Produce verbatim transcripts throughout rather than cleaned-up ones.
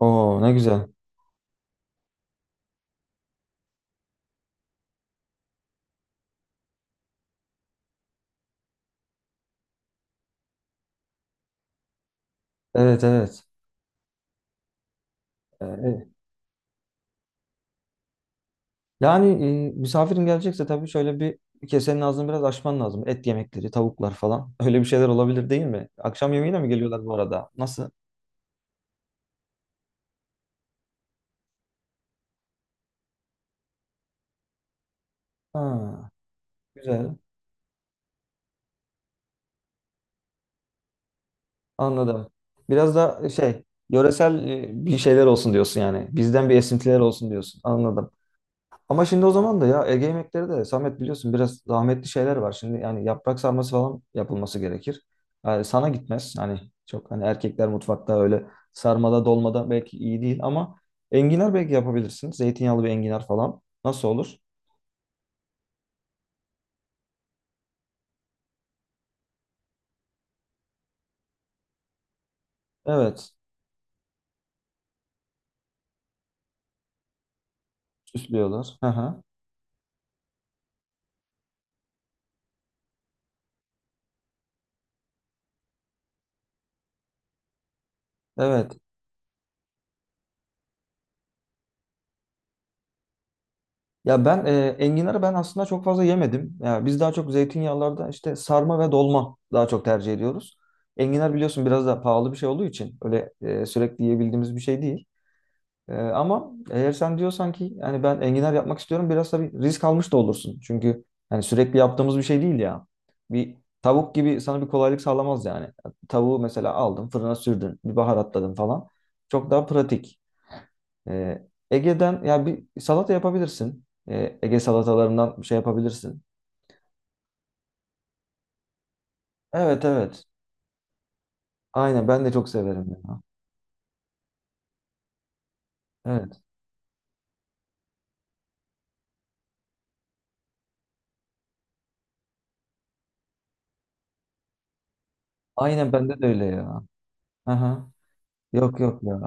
Oo ne güzel. Evet evet. Ee, evet. Yani e, misafirin gelecekse tabii şöyle bir, bir kesenin ağzını biraz açman lazım. Et yemekleri, tavuklar falan. Öyle bir şeyler olabilir değil mi? Akşam yemeğine mi geliyorlar bu arada? Nasıl? Ha, güzel. Anladım. Biraz da şey, yöresel e, bir şeyler olsun diyorsun yani. Bizden bir esintiler olsun diyorsun. Anladım. Ama şimdi o zaman da ya Ege yemekleri de Samet biliyorsun biraz zahmetli şeyler var. Şimdi yani yaprak sarması falan yapılması gerekir. Yani sana gitmez. Hani çok hani erkekler mutfakta öyle sarmada dolmada belki iyi değil ama enginar belki yapabilirsin. Zeytinyağlı bir enginar falan. Nasıl olur? Evet. Süslüyorlar. Hı hı. Evet. Ya ben e, enginarı ben aslında çok fazla yemedim. Ya biz daha çok zeytinyağlarda işte sarma ve dolma daha çok tercih ediyoruz. Enginar biliyorsun biraz da pahalı bir şey olduğu için öyle e, sürekli yiyebildiğimiz bir şey değil. Ee, ama eğer sen diyorsan ki yani ben enginar yapmak istiyorum biraz tabii risk almış da olursun. Çünkü yani sürekli yaptığımız bir şey değil ya. Bir tavuk gibi sana bir kolaylık sağlamaz yani. Tavuğu mesela aldın fırına sürdün bir baharatladın falan. Çok daha pratik. Ee, Ege'den ya bir salata yapabilirsin. Ee, Ege salatalarından bir şey yapabilirsin. Evet evet. Aynen ben de çok severim ya. Evet. Aynen bende de öyle ya. Aha. Yok yok ya.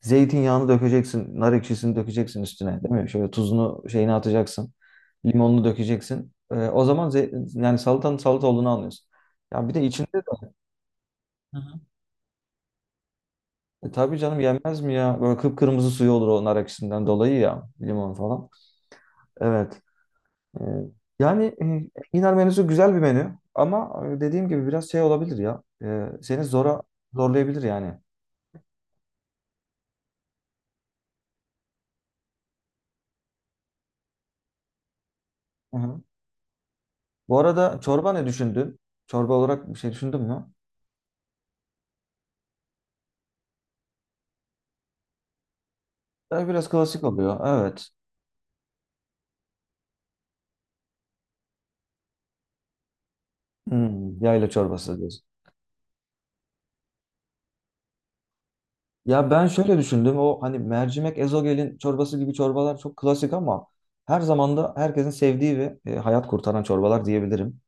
Zeytinyağını dökeceksin, nar ekşisini dökeceksin üstüne, değil mi? Şöyle tuzunu şeyini atacaksın, limonunu dökeceksin. Ee, o zaman ze- yani salatanın salata olduğunu anlıyorsun. Ya bir de içinde de. Hı hı. E, tabii canım yenmez mi ya? Böyle kıpkırmızı suyu olur o nar ekşisinden dolayı ya, limon falan. Evet. Ee, Yani e, enginar menüsü güzel bir menü ama e, dediğim gibi biraz şey olabilir ya. Ee, seni zora zorlayabilir yani. Hı hı. Bu arada çorba ne düşündün? Çorba olarak bir şey düşündün mü? Ya biraz klasik oluyor. Evet. Hmm, yayla çorbası diyorsun. Ya ben şöyle düşündüm. O hani mercimek ezogelin çorbası gibi çorbalar çok klasik ama her zaman da herkesin sevdiği ve e, hayat kurtaran çorbalar diyebilirim.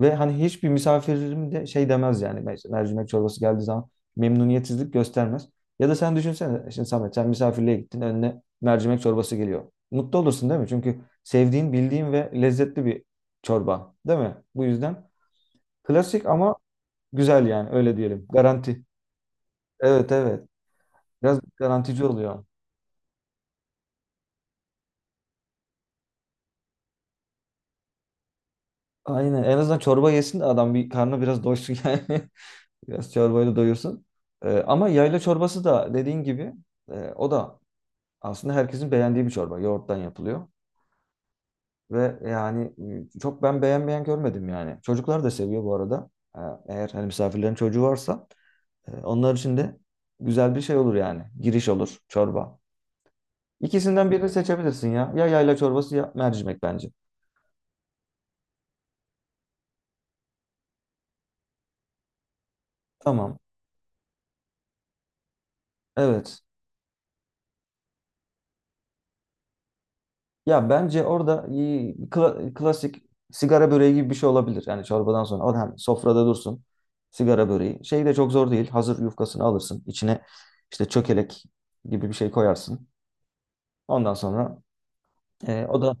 Ve hani hiçbir misafirim de şey demez yani mer- mercimek çorbası geldiği zaman memnuniyetsizlik göstermez. Ya da sen düşünsene e, şimdi Samet sen misafirliğe gittin önüne mercimek çorbası geliyor. Mutlu olursun değil mi? Çünkü sevdiğin, bildiğin ve lezzetli bir çorba değil mi? Bu yüzden klasik ama güzel yani öyle diyelim. Garanti. Evet evet. Biraz garantici oluyor. Aynen. En azından çorba yesin de adam bir karnı biraz doysun yani. Biraz çorbayla doyursun. Ee, ama yayla çorbası da dediğin gibi e, o da aslında herkesin beğendiği bir çorba. Yoğurttan yapılıyor. Ve yani e, çok ben beğenmeyen görmedim yani. Çocuklar da seviyor bu arada. Ee, Eğer hani misafirlerin çocuğu varsa e, onlar için de güzel bir şey olur yani. Giriş olur çorba. İkisinden birini seçebilirsin ya. Ya yayla çorbası ya mercimek bence. Tamam. Evet. Ya bence orada e, kla- klasik sigara böreği gibi bir şey olabilir. Yani çorbadan sonra o hem sofrada dursun sigara böreği. Şey de çok zor değil. Hazır yufkasını alırsın. İçine işte çökelek gibi bir şey koyarsın. Ondan sonra e, o da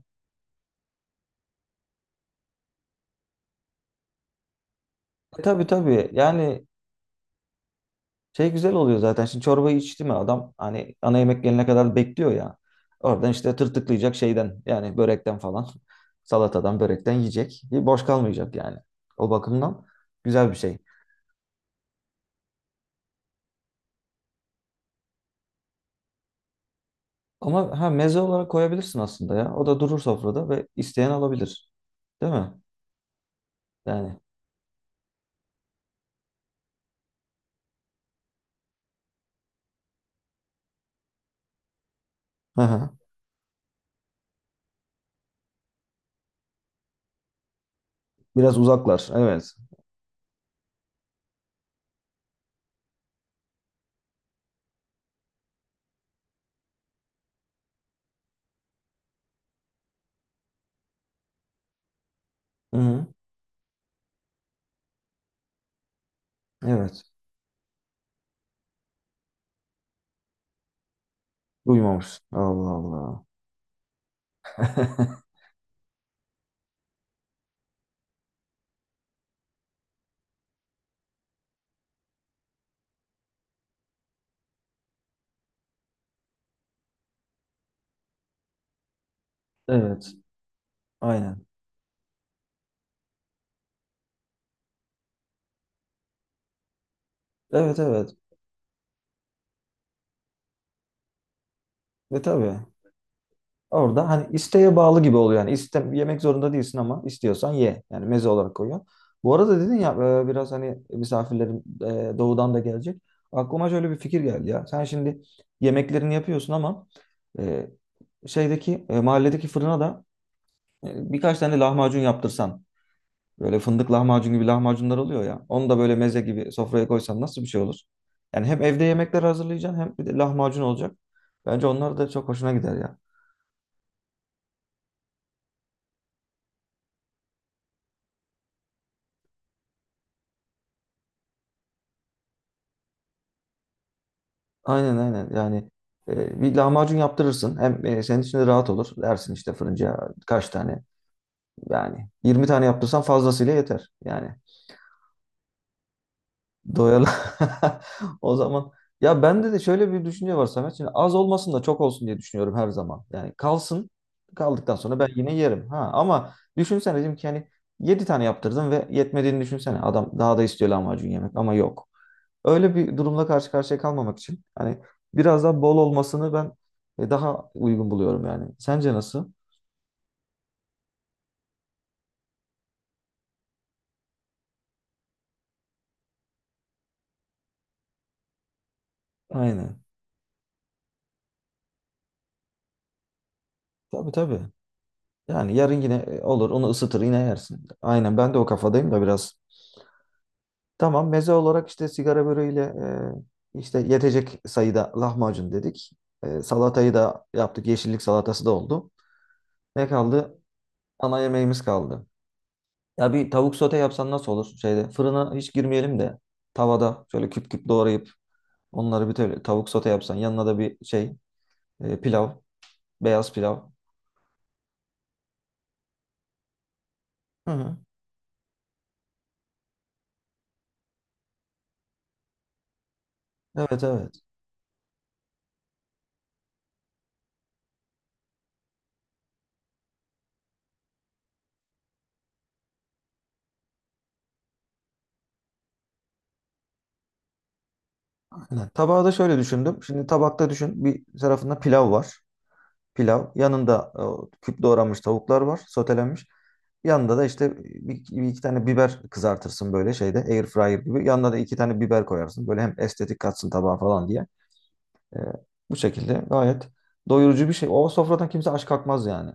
e, tabii tabii yani şey güzel oluyor zaten. Şimdi çorbayı içti mi adam hani ana yemek gelene kadar bekliyor ya. Oradan işte tırtıklayacak şeyden yani börekten falan salatadan börekten yiyecek. E, Boş kalmayacak yani. O bakımdan güzel bir şey. Ama ha meze olarak koyabilirsin aslında ya. O da durur sofrada ve isteyen alabilir. Değil mi? Yani. Hı hı. Biraz uzaklar. Evet. Hı hı. Evet. Duymamış. Allah Allah. Evet. Aynen. Evet evet. Ve tabii. Orada hani isteğe bağlı gibi oluyor yani. İste, yemek zorunda değilsin ama istiyorsan ye. Yani meze olarak koyuyor. Bu arada dedin ya e, biraz hani misafirlerim e, doğudan da gelecek. Aklıma şöyle bir fikir geldi ya. Sen şimdi yemeklerini yapıyorsun ama e, şeydeki e, mahalledeki fırına da e, birkaç tane lahmacun yaptırsan. Böyle fındık lahmacun gibi lahmacunlar oluyor ya. Onu da böyle meze gibi sofraya koysan nasıl bir şey olur? Yani hem evde yemekler hazırlayacaksın hem bir de lahmacun olacak. Bence onlar da çok hoşuna gider ya. Aynen aynen yani e, bir lahmacun yaptırırsın hem e, senin için de rahat olur dersin işte fırıncıya kaç tane yani yirmi tane yaptırsan fazlasıyla yeter yani doyalı. O zaman ya bende de şöyle bir düşünce var Samet. Şimdi az olmasın da çok olsun diye düşünüyorum her zaman yani kalsın. Kaldıktan sonra ben yine yerim ha ama düşünsene dedim ki hani yedi tane yaptırdım ve yetmediğini düşünsene adam daha da istiyor lahmacun yemek ama yok. Öyle bir durumla karşı karşıya kalmamak için hani biraz daha bol olmasını ben e, daha uygun buluyorum yani. Sence nasıl? Aynen. Tabii tabii. Yani yarın yine e, olur onu ısıtır yine yersin. Aynen ben de o kafadayım da biraz. Tamam meze olarak işte sigara böreğiyle e, işte yetecek sayıda lahmacun dedik. E, salatayı da yaptık. Yeşillik salatası da oldu. Ne kaldı? Ana yemeğimiz kaldı. Ya bir tavuk sote yapsan nasıl olur? Şeyde fırına hiç girmeyelim de tavada şöyle küp küp doğrayıp onları bir tavuk tavuk sote yapsan yanına da bir şey e, pilav, beyaz pilav. Hı hı. Evet evet. Aynen. Tabağı da şöyle düşündüm. Şimdi tabakta düşün bir tarafında pilav var. Pilav. Yanında e, küp doğranmış tavuklar var. Sotelenmiş. Yanında da işte bir, bir iki tane biber kızartırsın böyle şeyde air fryer gibi. Yanına da iki tane biber koyarsın. Böyle hem estetik katsın tabağa falan diye. Ee, Bu şekilde gayet doyurucu bir şey. O sofradan kimse aç kalkmaz yani.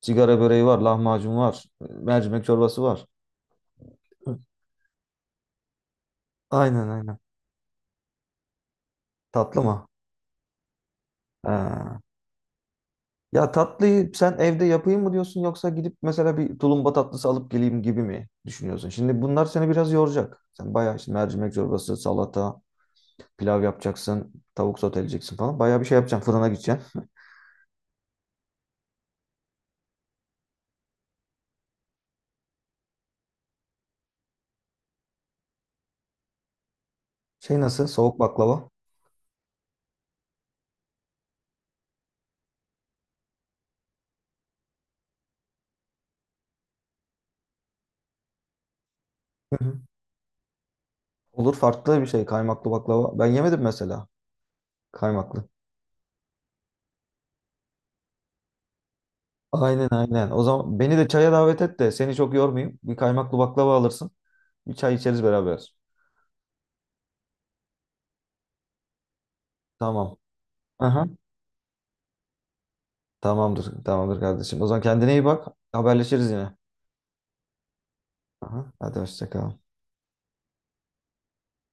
Sigara böreği var, lahmacun var, e, mercimek çorbası var. Aynen aynen. Tatlı mı? Ha. Ya tatlıyı sen evde yapayım mı diyorsun yoksa gidip mesela bir tulumba tatlısı alıp geleyim gibi mi düşünüyorsun? Şimdi bunlar seni biraz yoracak. Sen bayağı işte mercimek çorbası, salata, pilav yapacaksın, tavuk soteleyeceksin falan. Bayağı bir şey yapacaksın. Fırına gideceksin. Şey nasıl? Soğuk baklava. Hı hı. Olur farklı bir şey. Kaymaklı baklava. Ben yemedim mesela. Kaymaklı. Aynen aynen. O zaman beni de çaya davet et de seni çok yormayayım. Bir kaymaklı baklava alırsın. Bir çay içeriz beraber. Tamam. Aha. Tamamdır, tamamdır kardeşim. O zaman kendine iyi bak. Haberleşiriz yine. Aha, hadi hoşça kal.